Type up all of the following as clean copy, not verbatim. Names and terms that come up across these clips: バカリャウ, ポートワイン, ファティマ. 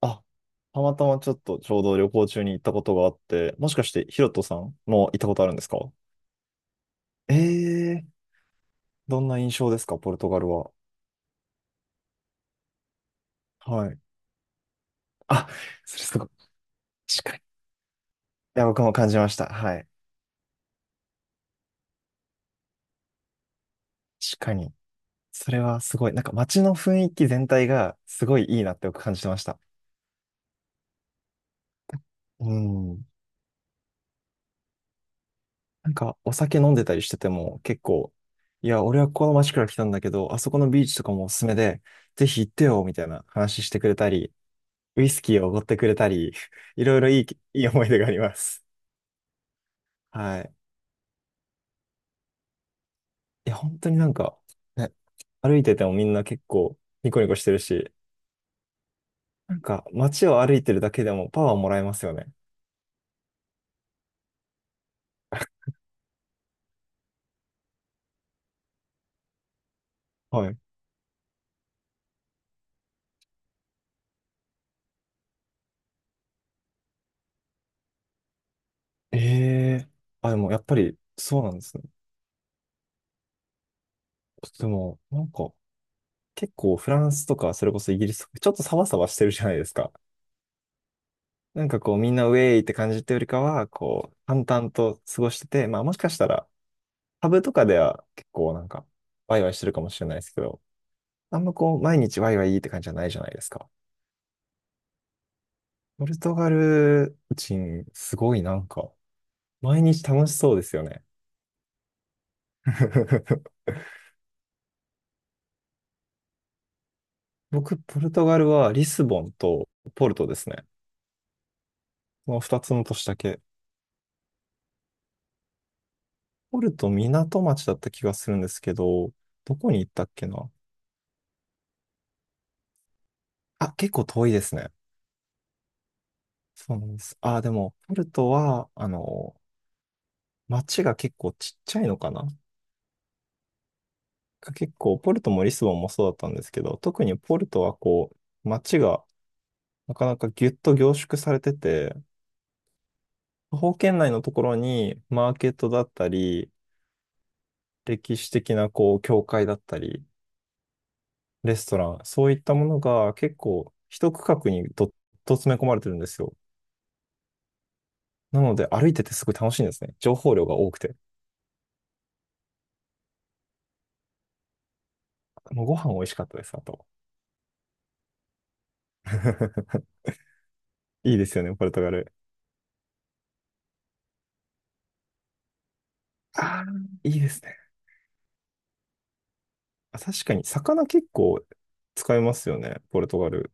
あ、たまたまちょっとちょうど旅行中に行ったことがあって、もしかしてヒロトさんも行ったことあるんですか？ええー、どんな印象ですか、ポルトガルは。はい。あ、それすごい。確かに。いや、僕も感じました。はい。確かに。それはすごい。なんか街の雰囲気全体がすごいいいなって僕感じてました。うん。なんかお酒飲んでたりしてても結構、いや、俺はここの街から来たんだけど、あそこのビーチとかもおすすめで、ぜひ行ってよ、みたいな話してくれたり、ウイスキーをおごってくれたり、いろいろいい、いい思い出があります。はい。いや、本当になんか、ね、歩いててもみんな結構ニコニコしてるし、なんか街を歩いてるだけでもパワーもらえますよね。はい。ええ、あ、でもやっぱりそうなんですね。でも、結構フランスとかそれこそイギリスとかちょっとサバサバしてるじゃないですか。なんかこうみんなウェイって感じってよりかは、こう淡々と過ごしてて、まあもしかしたらタブとかでは結構ワイワイしてるかもしれないですけど、あんまこう、毎日ワイワイって感じじゃないじゃないですか。ポルトガル人、すごい毎日楽しそうですよね。僕、ポルトガルはリスボンとポルトですね。この二つの都市だけ。ポルト、港町だった気がするんですけど、どこに行ったっけな。あ、結構遠いですね。そうなんです。あ、でも、ポルトは、町が結構ちっちゃいのかな。結構、ポルトもリスボンもそうだったんですけど、特にポルトはこう、町がなかなかギュッと凝縮されてて、徒歩圏内のところにマーケットだったり、歴史的なこう、教会だったり、レストラン、そういったものが結構一区画にどっと詰め込まれてるんですよ。なので歩いててすごい楽しいんですね。情報量が多くて。もうご飯美味しかったです、あと。いいですよね、ポルトガル。ああ、いいですね。あ、確かに、魚結構使いますよね、ポルトガル。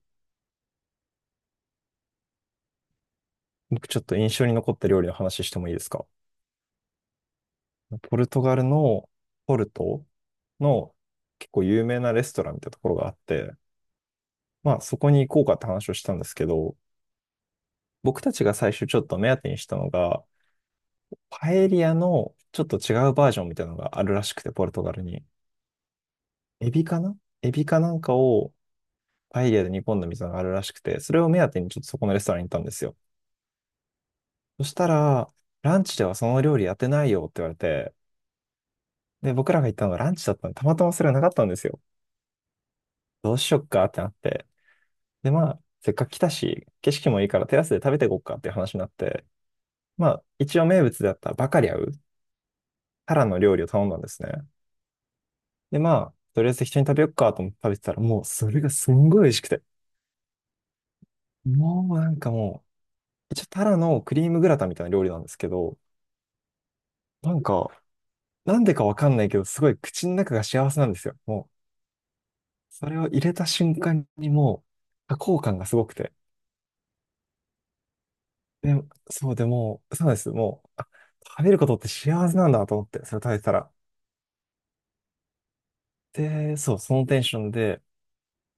僕ちょっと印象に残った料理の話してもいいですか？ポルトガルのポルトの結構有名なレストランみたいなところがあって、まあそこに行こうかって話をしたんですけど、僕たちが最初ちょっと目当てにしたのが、パエリアのちょっと違うバージョンみたいなのがあるらしくて、ポルトガルに。エビかな、エビかなんかをパエリアで煮込んだみたいなのがあるらしくて、それを目当てにちょっとそこのレストランに行ったんですよ。そしたら、ランチではその料理やってないよって言われて、で、僕らが行ったのがランチだったので、たまたまそれがなかったんですよ。どうしよっか。で、まあ、せっかく来たし、景色もいいからテラスで食べていこうかっていう話になって、まあ、一応名物であったバカリャウ、タラの料理を頼んだんですね。で、まあ、とりあえず適当に食べよっかと思って食べてたら、もうそれがすんごい美味しくて。もうなんかもう、一応タラのクリームグラタンみたいな料理なんですけど、なんか、なんでかわかんないけど、すごい口の中が幸せなんですよ。もう、それを入れた瞬間にもう、多幸感がすごくて。で、そうでもう、そうなんです。もう、あ食べることって幸せなんだと思って、それ食べてたら、で、そう、そのテンションで、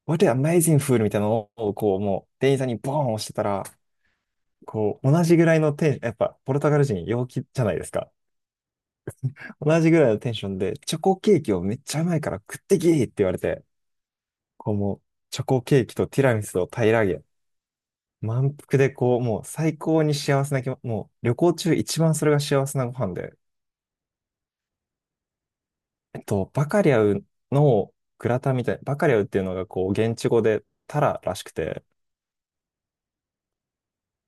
What an amazing food! みたいなのを、こう、もう、店員さんにボーン押してたら、こう、同じぐらいのテンション、やっぱ、ポルトガル人陽気じゃないですか。同じぐらいのテンションで、チョコケーキをめっちゃうまいから食ってきって言われて、こう、もう、チョコケーキとティラミスを平らげ、満腹で、最高に幸せな気も、もう、旅行中一番それが幸せなご飯で、バカリャウのグラタンみたい、バカリャウっていうのが、こう、現地語でタラらしくて、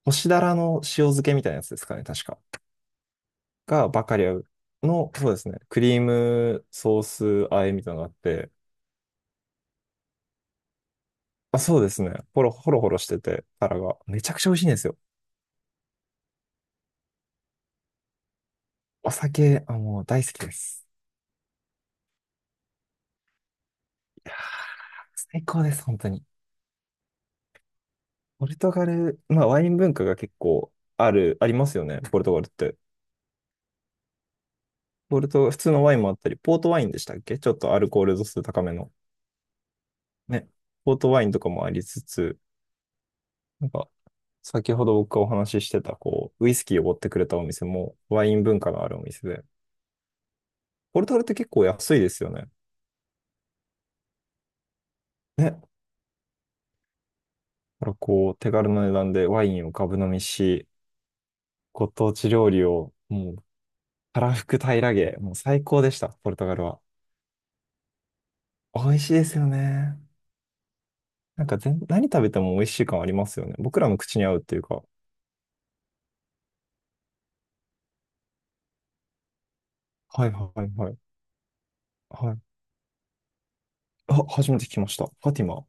干しだらの塩漬けみたいなやつですかね、確か。が、バカリャウの、そうですね、クリームソース和えみたいなのがあって、あ、そうですね、ほろほろほろしてて、タラが、めちゃくちゃ美味しいんですよ。お酒、あ、もう大好きです。最高です、本当に。ポルトガル、まあワイン文化が結構ある、ありますよね、ポルトガルって。ポルト、普通のワインもあったり、ポートワインでしたっけ、ちょっとアルコール度数高めの。ね。ポートワインとかもありつつ、なんか、先ほど僕がお話ししてた、こう、ウイスキーを持ってくれたお店も、ワイン文化のあるお店で、ポルトガルって結構安いですよね。ね。だからこう、手軽な値段でワインをガブ飲みし、ご当地料理を、もう、たらふく平らげ、もう最高でした、ポルトガルは。美味しいですよね。なんか全、何食べても美味しい感ありますよね。僕らの口に合うっていうか。はいはいはい。はい。あ、初めて聞きました。ファティマ。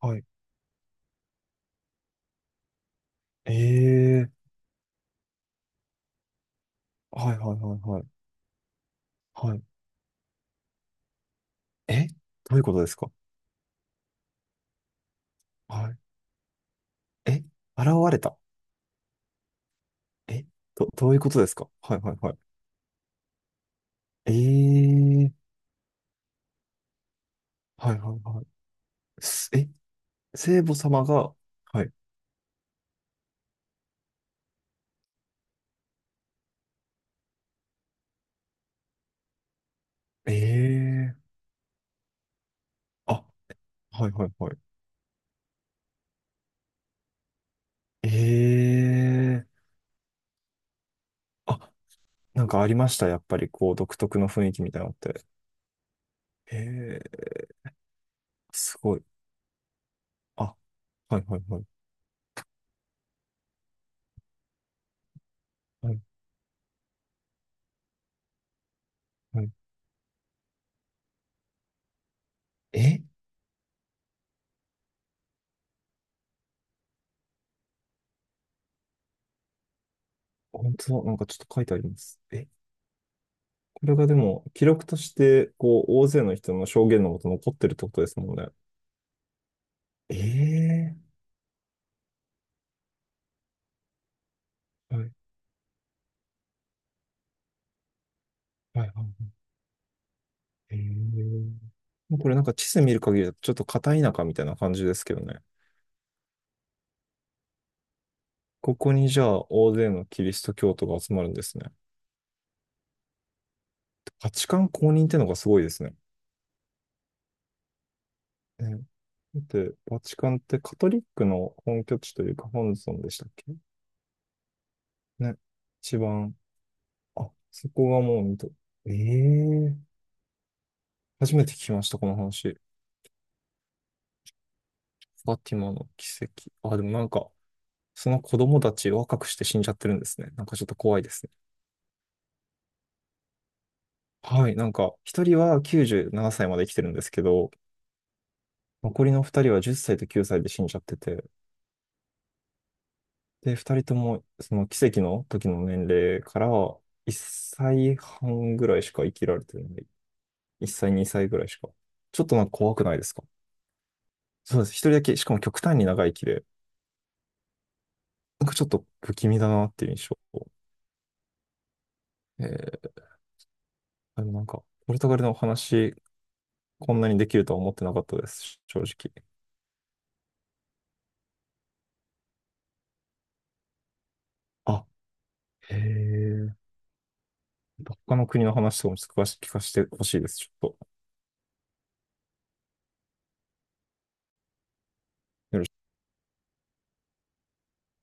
はい。ええー。はいはいはいはい。はい。え、どういうことですか？はい。え、現れた。え、ど、どういうことですか？はいはいはい。ええ、はいはいはい。すえ、聖母様が、はい。ええ、あ、はいはいはい。ええ、あ、なんかありました。やっぱりこう、独特の雰囲気みたいなのって。ええ、すごい。あ、はいはいはい。はいはい。え、本当だ。なんかちょっと書いてあります。え、これがでも、記録として、こう、大勢の人の証言のもと残ってるってことですもんね。ええ、はいはいはい。えー、これなんか地図見る限りだとちょっと片田舎みたいな感じですけどね。ここにじゃあ大勢のキリスト教徒が集まるんですね。バチカン公認ってのがすごいですね。ね、だって、バチカンってカトリックの本拠地というか本尊でしたっけ？ね。一番、あ、そこがもう見と、ええ、初めて聞きました、この話。ファティマの奇跡。あ、でもなんか、その子供たち若くして死んじゃってるんですね。なんかちょっと怖いですね。はい、なんか、一人は97歳まで生きてるんですけど、残りの二人は10歳と9歳で死んじゃってて、で、二人とも、その奇跡の時の年齢から1歳半ぐらいしか生きられてない。1歳、2歳ぐらいしか。ちょっとなんか怖くないですか？そうです。一人だけ、しかも極端に長生きで、なんかちょっと不気味だなっていう印象。えー、でもなんか、ポルトガルのお話、こんなにできるとは思ってなかったです、正直。あ、へえ。他の国の話とかもちょっと詳しく聞かせてほしいです。ちょっと。よろし